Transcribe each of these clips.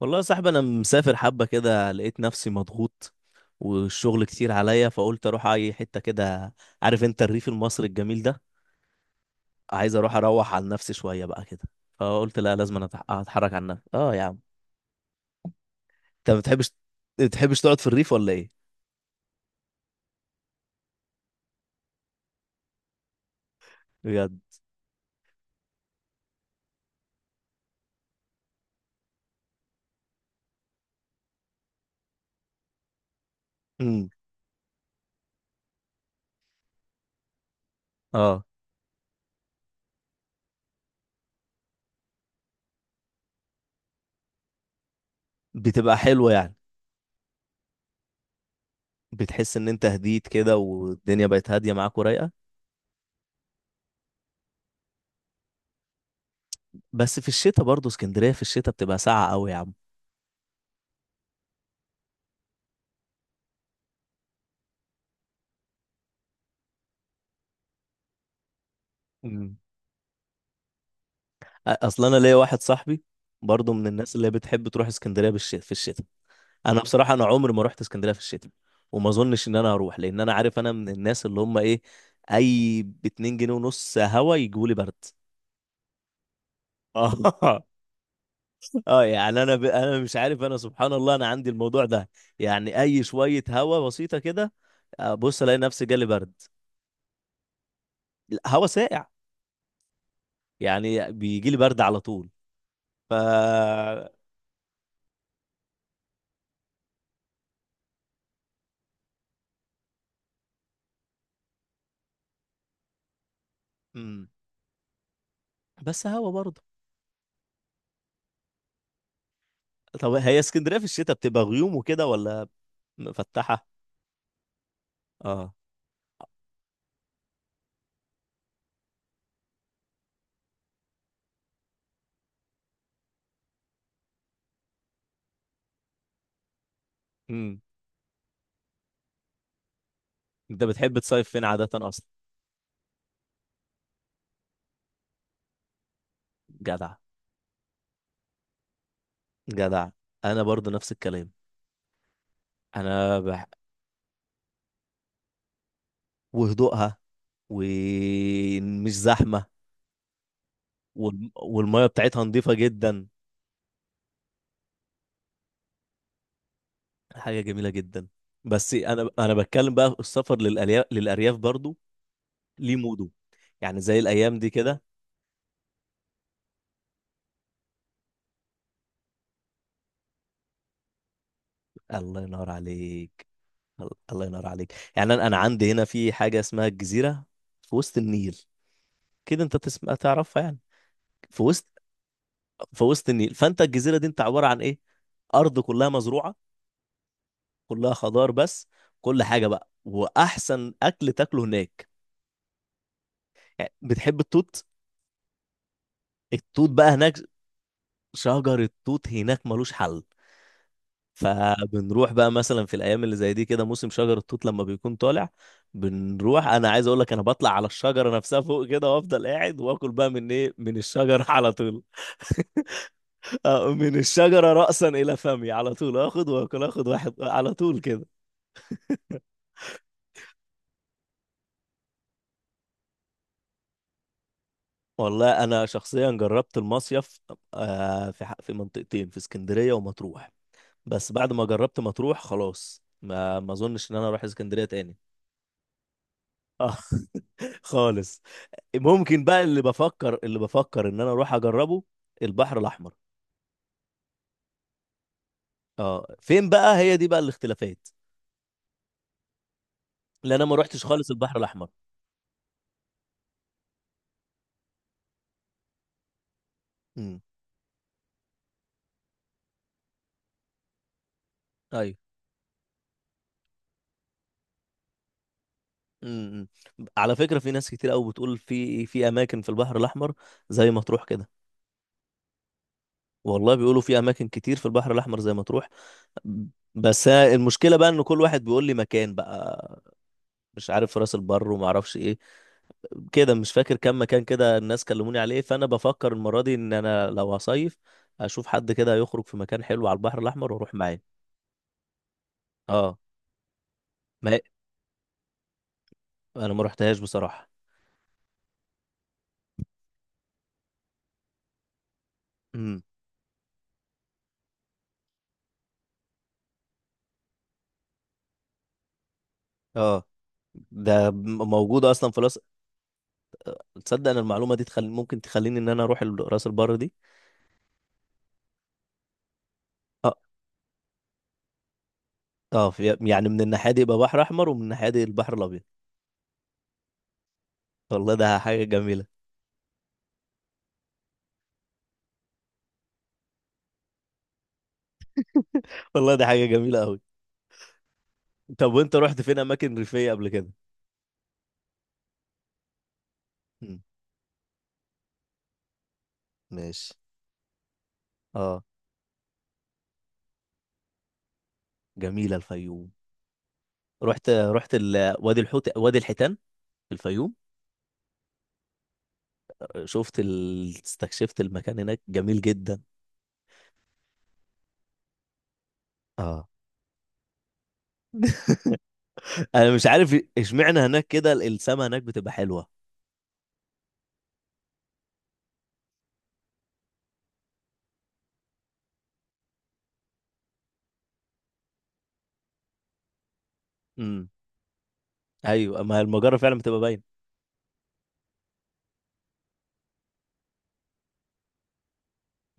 والله يا صاحبي انا مسافر حبه كده. لقيت نفسي مضغوط والشغل كتير عليا، فقلت اروح اي حته كده. عارف انت الريف المصري الجميل ده. عايز اروح عن نفسي شويه بقى كده. فقلت لا، لازم أنا اتحرك عن نفسي. اه يا عم. انت ما بتحبش، ما بتحبش تقعد في الريف ولا ايه؟ بجد. امم اه. بتبقى حلوه يعني. بتحس ان انت هديت كده والدنيا بقت هاديه معاك ورايقه. بس في الشتاء برضه اسكندريه في الشتاء بتبقى ساقعه قوي يا عم. اصل انا ليا واحد صاحبي برضه من الناس اللي بتحب تروح اسكندريه في الشتاء. انا بصراحه انا عمري ما رحت اسكندريه في الشتاء، وما اظنش ان انا هروح لان انا عارف انا من الناس اللي هم ايه. اي ب 2 جنيه ونص هوا يجوا لي برد. اه. اه يعني انا انا مش عارف، انا سبحان الله انا عندي الموضوع ده. يعني اي شويه هوا بسيطه كده، بص الاقي نفسي جالي برد. هوا ساقع. يعني بيجي لي برد على طول. ف مم. بس هوا برضه. طب هي اسكندرية في الشتاء بتبقى غيوم وكده، ولا مفتحة؟ اه. امم. انت بتحب تصيف فين عادة اصلا؟ جدع. جدع. انا برضو نفس الكلام. انا بح... وهدوءها، ومش زحمة، والمية بتاعتها نظيفة جدا، حاجة جميلة جدا. بس انا بتكلم بقى، السفر للأرياف برضو ليه موده. يعني زي الايام دي كده. الله ينور عليك. الله ينور عليك. يعني انا، أنا عندي هنا في حاجة اسمها الجزيرة في وسط النيل، كده انت تسمع تعرفها يعني. في وسط في وسط النيل. فانت الجزيره دي انت عباره عن ايه؟ ارض كلها مزروعه، كلها خضار بس. كل حاجه بقى، واحسن اكل تاكله هناك. يعني بتحب التوت؟ التوت بقى هناك، شجر التوت هناك ملوش حل. فبنروح بقى مثلا في الايام اللي زي دي كده، موسم شجر التوت لما بيكون طالع بنروح. انا عايز اقول لك انا بطلع على الشجره نفسها فوق كده، وافضل قاعد واكل بقى من ايه، من الشجر على طول. آه، من الشجرة رأسا إلى فمي على طول، آخد وآكل، آخد واحد على طول كده. والله أنا شخصيا جربت المصيف. آه، في منطقتين، في اسكندرية ومطروح. بس بعد ما جربت مطروح خلاص ما أظنش إن أنا أروح اسكندرية تاني. آه، خالص. ممكن بقى، اللي بفكر إن أنا أروح أجربه، البحر الأحمر. اه فين بقى؟ هي دي بقى الاختلافات. لأن أنا ما روحتش خالص البحر الأحمر. امم. امم. امم. على فكرة في ناس كتير قوي بتقول في اماكن في البحر الاحمر زي مطروح كده. والله بيقولوا في اماكن كتير في البحر الاحمر زي مطروح. بس أنا المشكلة بقى ان كل واحد بيقول لي مكان بقى، مش عارف راس البر وما اعرفش ايه. كده مش فاكر كم مكان كده الناس كلموني عليه. فانا بفكر المرة دي ان انا لو هصيف، اشوف حد كده يخرج في مكان حلو على البحر الاحمر واروح معاه. اه. ما انا ما رحتهاش بصراحة. امم. اه. موجود اصلا في راس. تصدق ان المعلومه دي ممكن تخليني ان انا اروح راس البر دي. اه. اه يعني من الناحيه دي يبقى بحر احمر، ومن الناحيه دي البحر الابيض. والله ده حاجه جميله. والله ده حاجه جميله قوي. طب وانت رحت فين اماكن ريفيه قبل كده؟ مم. ماشي. اه. جميله الفيوم. رحت وادي الحوت، وادي الحيتان في الفيوم. استكشفت المكان هناك جميل جدا. اه. انا مش عارف اشمعنى هناك كده السما هناك بتبقى حلوه. امم. ايوه ما هي المجره فعلا بتبقى باينه.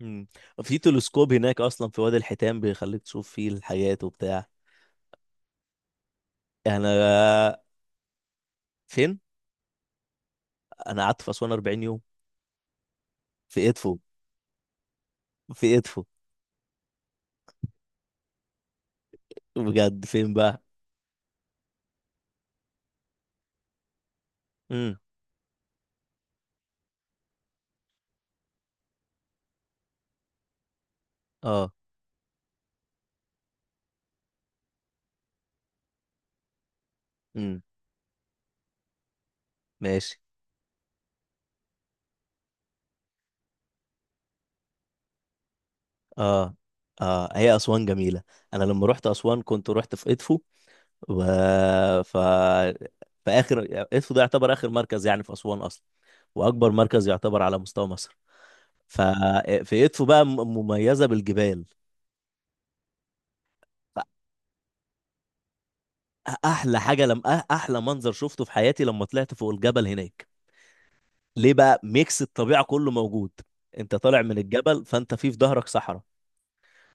مم. في تلسكوب هناك اصلا في وادي الحيتان بيخليك تشوف فيه الحاجات وبتاع. يعني انا. فين؟ انا قعدت في اسوان 40 يوم، في ادفو. في ادفو. بجد فين بقى؟ امم. اه. امم. ماشي. اه. اه هي اسوان جميله. انا لما رحت اسوان كنت رحت في ادفو و... ف في اخر. ادفو ده يعتبر اخر مركز يعني في اسوان اصلا، واكبر مركز يعتبر على مستوى مصر. ففي ادفو بقى مميزه بالجبال. احلى حاجه لم أه- احلى منظر شفته في حياتي لما طلعت فوق الجبل هناك. ليه بقى؟ ميكس الطبيعه كله موجود. انت طالع من الجبل، فانت في ظهرك صحراء،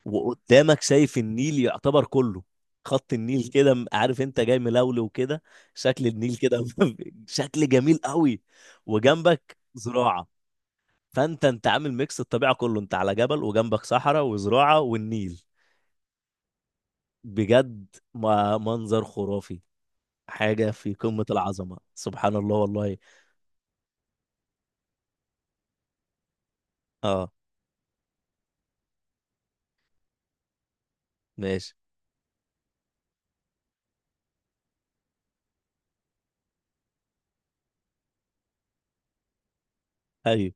وقدامك شايف النيل يعتبر كله. خط النيل كده عارف انت جاي ملولو وكده. شكل النيل كده شكل جميل قوي. وجنبك زراعه. فانت انت عامل ميكس الطبيعه كله. انت على جبل وجنبك صحراء وزراعه والنيل. بجد، ما منظر خرافي. حاجه في قمه العظمه، سبحان الله والله. اه. ماشي. ايوه.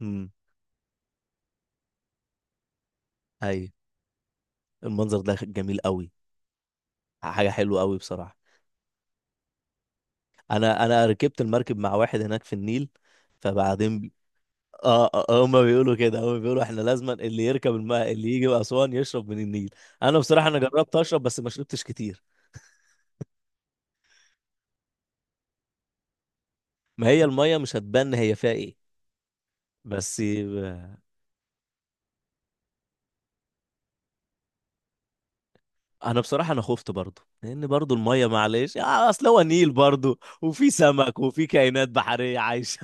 امم. ايوه. المنظر ده جميل قوي. حاجه حلوه قوي بصراحه. انا ركبت المركب مع واحد هناك في النيل. فبعدين اه. آه، آه، هما بيقولوا كده، هما بيقولوا احنا لازما اللي يركب الماء اللي يجي اسوان يشرب من النيل. انا بصراحه انا جربت اشرب بس ما شربتش كتير. ما هي الميه مش هتبان هي فيها ايه. بس آه، انا بصراحه انا خفت برضو لان برضو الميه معلش آه، اصل هو نيل برضو وفي سمك وفي كائنات بحريه عايشه.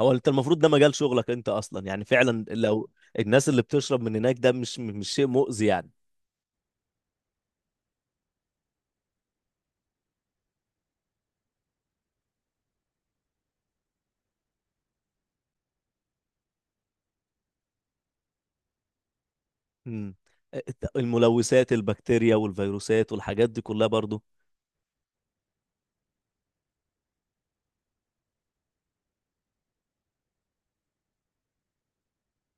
هو انت المفروض ده مجال شغلك انت اصلا يعني فعلا لو الناس اللي بتشرب من هناك ده مش مش شيء مؤذي يعني. امم. الملوثات البكتيريا والفيروسات والحاجات دي كلها برضو.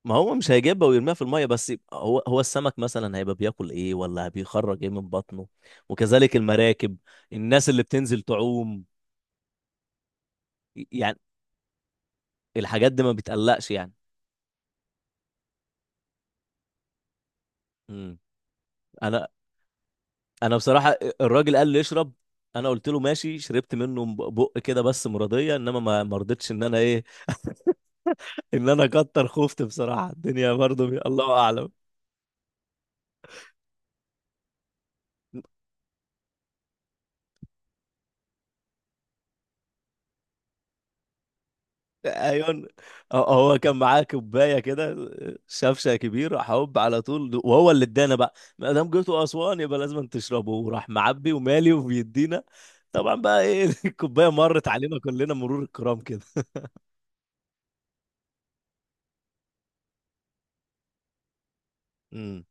ما هو مش هيجيبها ويرميها في الميه، بس هو السمك مثلا هيبقى بياكل ايه ولا بيخرج ايه من بطنه، وكذلك المراكب. الناس اللي بتنزل تعوم يعني، الحاجات دي ما بتقلقش يعني. امم. انا. بصراحه الراجل قال لي اشرب، انا قلت له ماشي. شربت منه بق كده بس مرضيه، انما ما رضيتش ان انا ايه، ان انا كتر خفت بصراحه. الدنيا برضه الله اعلم. ايون. هو هو كان معاه كوبايه كده، شفشه كبير، راح هوب على طول. وهو اللي ادانا بقى، ما دام جيتوا اسوان يبقى لازم تشربوا. وراح معبي ومالي وبيدينا. طبعا بقى ايه الكوبايه مرت علينا كلنا مرور الكرام كده. امم.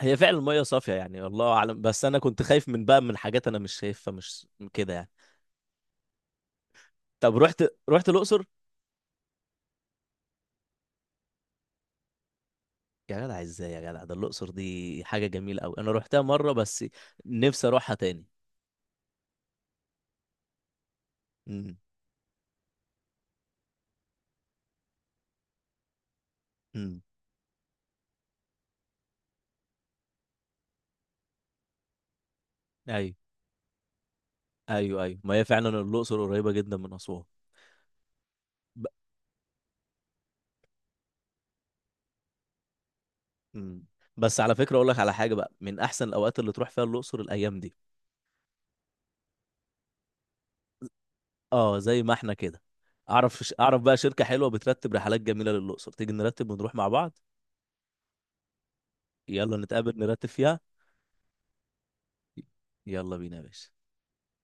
هي فعلا الميه صافيه يعني الله اعلم، بس انا كنت خايف من بقى من حاجات انا مش شايفها مش كده يعني. طب، رحت الاقصر. يا جدع ازاي يا جدع، ده الأقصر دي حاجة جميلة أوي، أنا روحتها مرة بس. نفسي أروحها تاني. امم. امم. أيوه أيوه أيوه. ما هي فعلا الأقصر قريبة جدا من أسوان. ب... مم. بس على فكرة أقول لك على حاجة بقى، من أحسن الأوقات اللي تروح فيها الأقصر الأيام دي. أه زي ما إحنا كده. أعرف بقى شركة حلوة بترتب رحلات جميلة للأقصر. تيجي نرتب ونروح مع بعض. يلا نتقابل نرتب فيها. يلا بينا يا باشا.